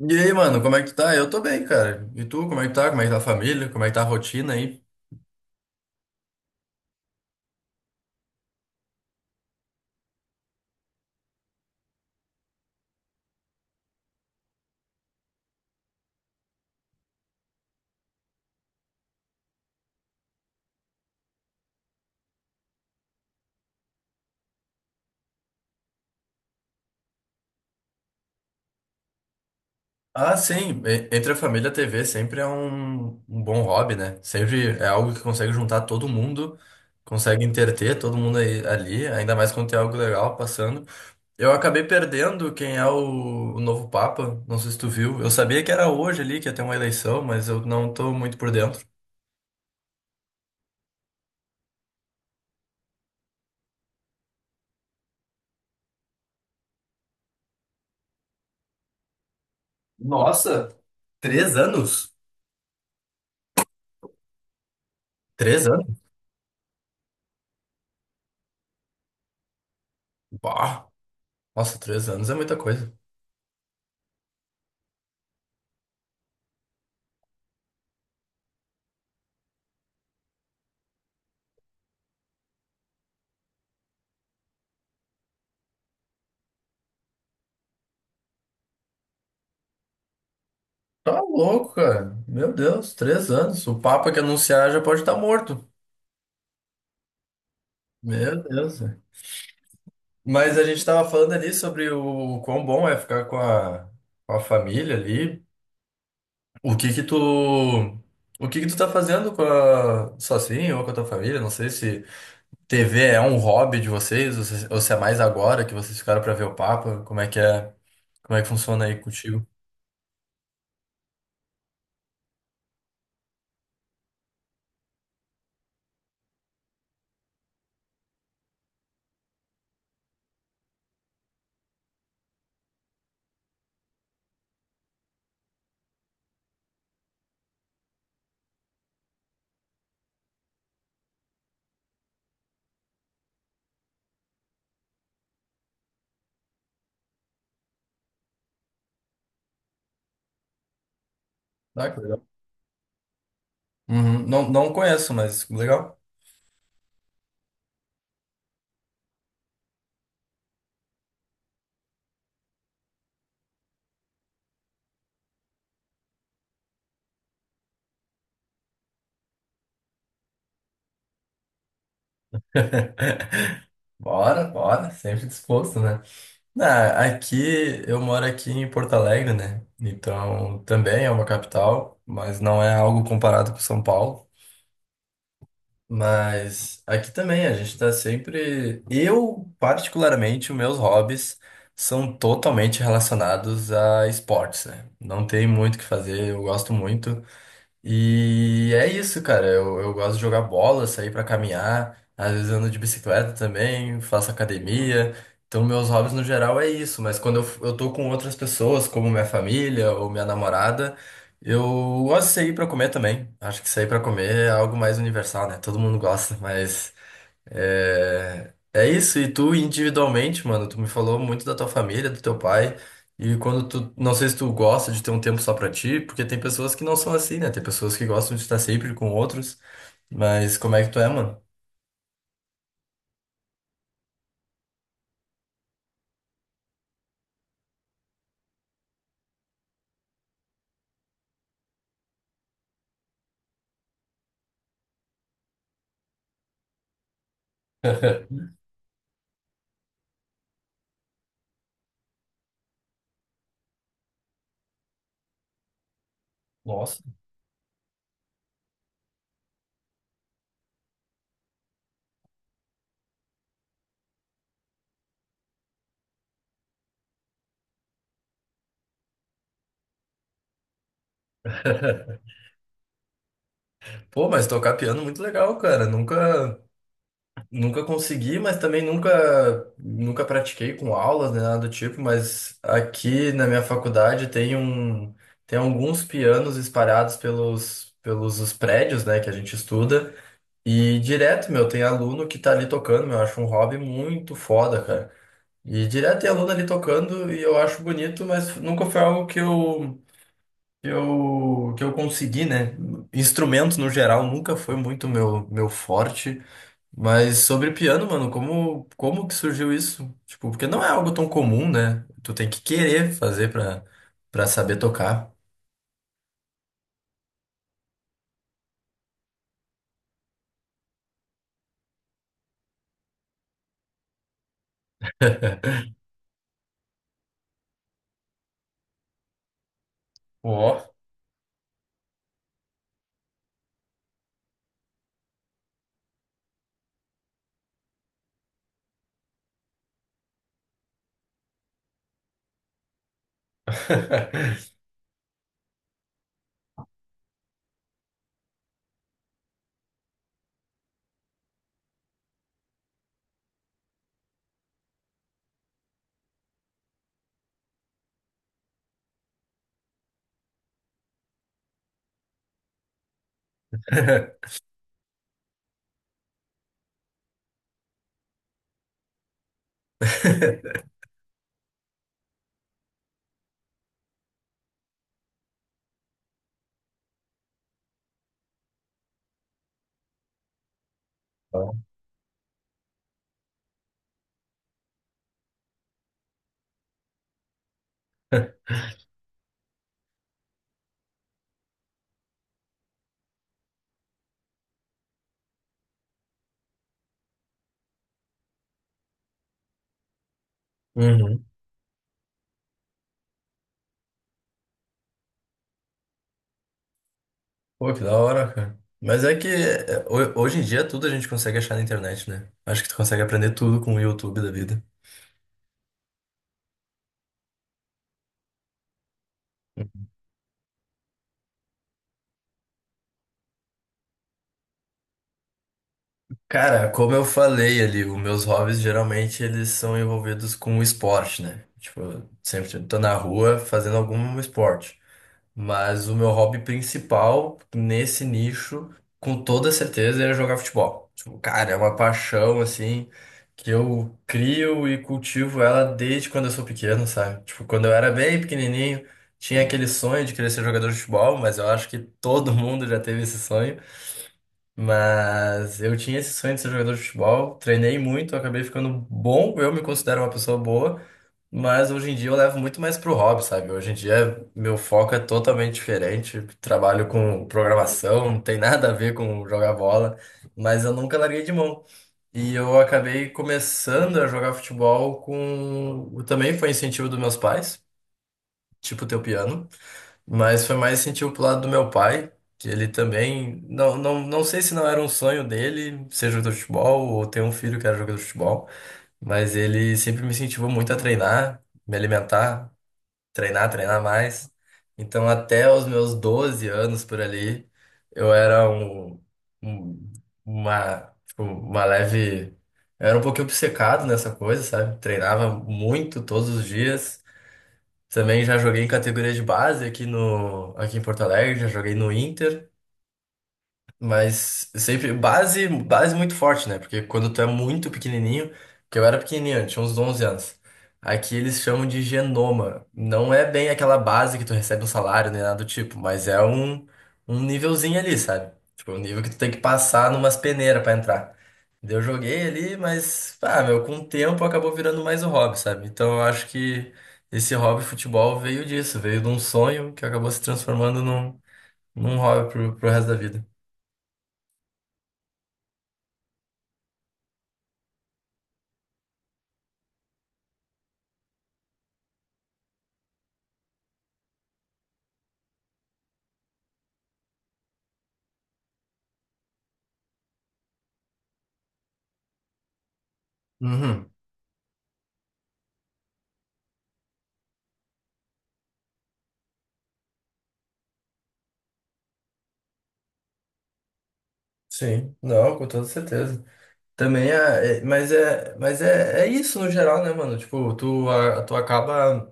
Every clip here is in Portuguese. E aí, mano, como é que tu tá? Eu tô bem, cara. E tu, como é que tá? Como é que tá a família? Como é que tá a rotina aí? Ah, sim, entre a família, a TV sempre é um bom hobby, né? Sempre é algo que consegue juntar todo mundo, consegue interter todo mundo aí, ali, ainda mais quando tem algo legal passando. Eu acabei perdendo quem é o novo Papa, não sei se tu viu. Eu sabia que era hoje ali que ia ter uma eleição, mas eu não tô muito por dentro. Nossa, três anos? Três anos? Bah, nossa, três anos é muita coisa. Tá louco, cara. Meu Deus, três anos. O Papa que anunciar já pode estar morto. Meu Deus, velho. Mas a gente tava falando ali sobre o quão bom é ficar com com a família ali. O que que tu, o que que tu tá fazendo com a, sozinho ou com a tua família? Não sei se TV é um hobby de vocês ou se é mais agora que vocês ficaram pra ver o Papa. Como é que funciona aí contigo? Ah, que legal. Uhum. Não, não conheço, mas legal. Bora, bora. Sempre disposto, né? Ah, aqui eu moro aqui em Porto Alegre, né? Então também é uma capital, mas não é algo comparado com São Paulo. Mas aqui também a gente tá sempre. Eu, particularmente, os meus hobbies são totalmente relacionados a esportes, né? Não tem muito o que fazer, eu gosto muito. E é isso, cara. Eu gosto de jogar bola, sair pra caminhar, às vezes ando de bicicleta também, faço academia. Então, meus hobbies no geral é isso, mas quando eu tô com outras pessoas, como minha família ou minha namorada, eu gosto de sair pra comer também. Acho que sair pra comer é algo mais universal, né? Todo mundo gosta, mas é isso, e tu individualmente, mano, tu me falou muito da tua família, do teu pai, e quando não sei se tu gosta de ter um tempo só pra ti, porque tem pessoas que não são assim, né? Tem pessoas que gostam de estar sempre com outros, mas como é que tu é, mano? Nossa. Pô, mas tocar piano é muito legal, cara. Nunca. Nunca consegui, mas também nunca pratiquei com aulas nem nada do tipo, mas aqui na minha faculdade tem tem alguns pianos espalhados pelos, pelos os prédios, né, que a gente estuda, e direto, meu, tem aluno que tá ali tocando, meu, eu acho um hobby muito foda, cara. E direto tem aluno ali tocando e eu acho bonito, mas nunca foi algo que que eu consegui, né? Instrumento no geral nunca foi muito meu forte. Mas sobre piano, mano, como que surgiu isso? Tipo, porque não é algo tão comum, né? Tu tem que querer fazer pra saber tocar. Ó. Uhum. Pô, que da hora, cara. Mas é que é, hoje em dia tudo a gente consegue achar na internet, né? Acho que tu consegue aprender tudo com o YouTube da vida. Cara, como eu falei ali, os meus hobbies geralmente eles são envolvidos com o esporte, né? Tipo, eu sempre tô na rua fazendo algum esporte. Mas o meu hobby principal nesse nicho, com toda certeza, era jogar futebol. Tipo, cara, é uma paixão, assim, que eu crio e cultivo ela desde quando eu sou pequeno, sabe? Tipo, quando eu era bem pequenininho, tinha aquele sonho de querer ser jogador de futebol, mas eu acho que todo mundo já teve esse sonho. Mas eu tinha esse sonho de ser jogador de futebol, treinei muito, acabei ficando bom, eu me considero uma pessoa boa. Mas hoje em dia eu levo muito mais pro hobby, sabe? Hoje em dia meu foco é totalmente diferente. Trabalho com programação, não tem nada a ver com jogar bola, mas eu nunca larguei de mão. E eu acabei começando a jogar futebol com. Também foi incentivo dos meus pais, tipo teu piano, mas foi mais incentivo pro lado do meu pai, que ele também. Não sei se não era um sonho dele ser jogador de futebol ou ter um filho que era jogador de futebol, mas ele sempre me incentivou muito a treinar, me alimentar treinar, treinar mais. Então, até os meus 12 anos por ali, eu era um- tipo, uma leve. Eu era um pouquinho obcecado nessa coisa, sabe? Treinava muito todos os dias. Também já joguei em categoria de base aqui no, aqui em Porto Alegre, já joguei no Inter. Mas sempre base, base muito forte, né? Porque quando tu é muito pequenininho, que eu era pequenininho, eu tinha uns 11 anos. Aqui eles chamam de genoma. Não é bem aquela base que tu recebe um salário nem nada do tipo, mas é um nívelzinho ali, sabe? Tipo, um nível que tu tem que passar numas peneiras pra entrar. Daí eu joguei ali, mas, ah, meu, com o tempo acabou virando mais um hobby, sabe? Então eu acho que esse hobby futebol veio disso, veio de um sonho que acabou se transformando num hobby pro resto da vida. Uhum. Sim, não, com toda certeza. Também é isso no geral, né, mano? Tipo, tu acaba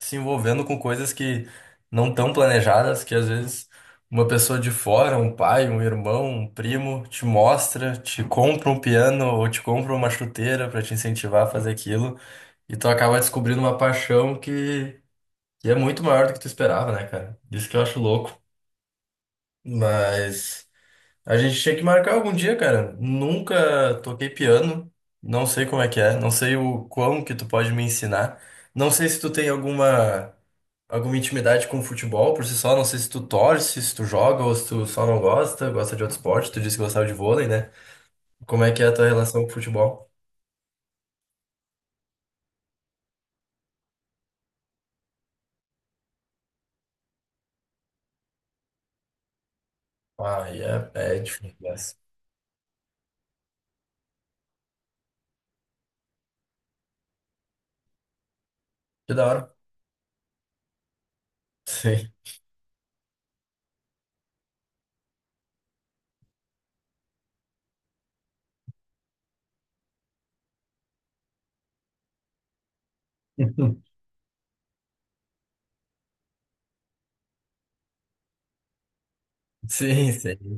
se envolvendo com coisas que não tão planejadas, que às vezes uma pessoa de fora, um pai, um irmão, um primo, te mostra, te compra um piano ou te compra uma chuteira pra te incentivar a fazer aquilo, e tu acaba descobrindo uma paixão que é muito maior do que tu esperava, né, cara? Isso que eu acho louco. Mas. A gente tinha que marcar algum dia, cara. Nunca toquei piano. Não sei como é que é. Não sei o quão que tu pode me ensinar. Não sei se tu tem alguma intimidade com futebol por si só. Não sei se tu torce, se tu joga ou se tu só não gosta, gosta de outro esporte. Tu disse que gostava de vôlei, né? Como é que é a tua relação com futebol? Ah, e é, é difícil, mas que da hora. Sim. Sim, sim.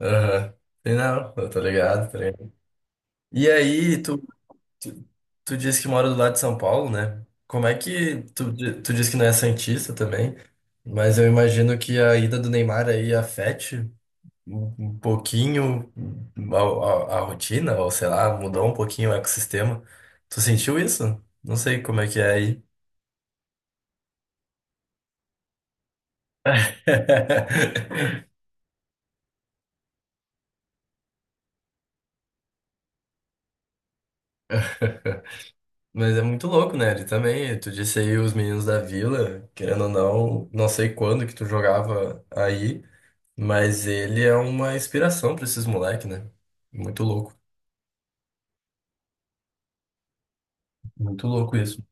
Aham. Sim, não, eu tô ligado, tô ligado. E aí, tu Tu, tu disse que mora do lado de São Paulo, né? Como é que tu disse que não é santista também, mas eu imagino que a ida do Neymar aí afete um pouquinho a, a rotina, ou sei lá, mudou um pouquinho o ecossistema. Tu sentiu isso? Não sei como é que é aí. Mas é muito louco, né? Ele também, tu disse aí os meninos da Vila, querendo ou não, não sei quando que tu jogava aí. Mas ele é uma inspiração pra esses moleques, né? Muito louco, muito louco isso.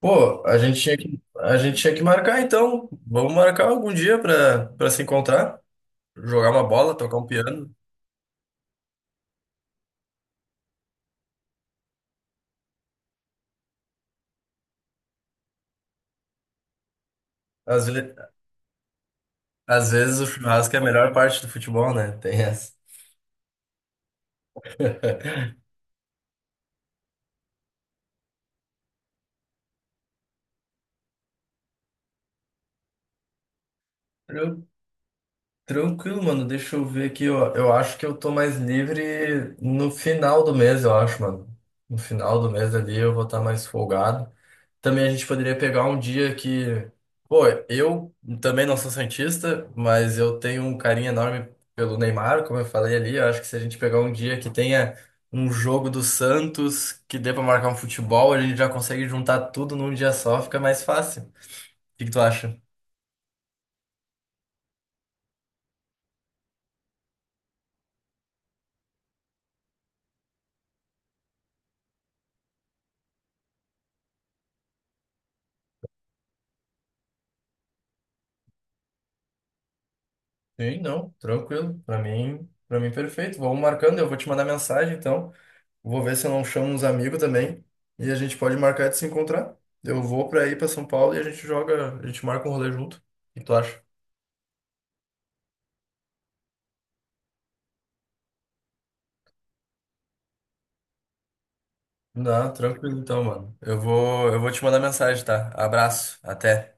Pô, a gente tinha que marcar então. Vamos marcar algum dia pra se encontrar, jogar uma bola, tocar um piano. Às, ve- às vezes o churrasco é a melhor parte do futebol, né? Tem essa. Tran- Tranquilo, mano. Deixa eu ver aqui, ó. Eu acho que eu tô mais livre no final do mês, eu acho, mano. No final do mês ali eu vou estar mais folgado. Também a gente poderia pegar um dia pô, eu também não sou santista, mas eu tenho um carinho enorme pelo Neymar, como eu falei ali. Eu acho que se a gente pegar um dia que tenha um jogo do Santos que dê pra marcar um futebol, a gente já consegue juntar tudo num dia só, fica mais fácil. O que que tu acha? Sim, não, tranquilo. Para mim perfeito. Vamos marcando, eu vou te mandar mensagem então. Vou ver se eu não chamo uns amigos também. E a gente pode marcar de se encontrar. Eu vou pra ir pra São Paulo e a gente joga, a gente marca um rolê junto. O que tu acha? Não, tranquilo então, mano. Eu vou te mandar mensagem, tá? Abraço, até.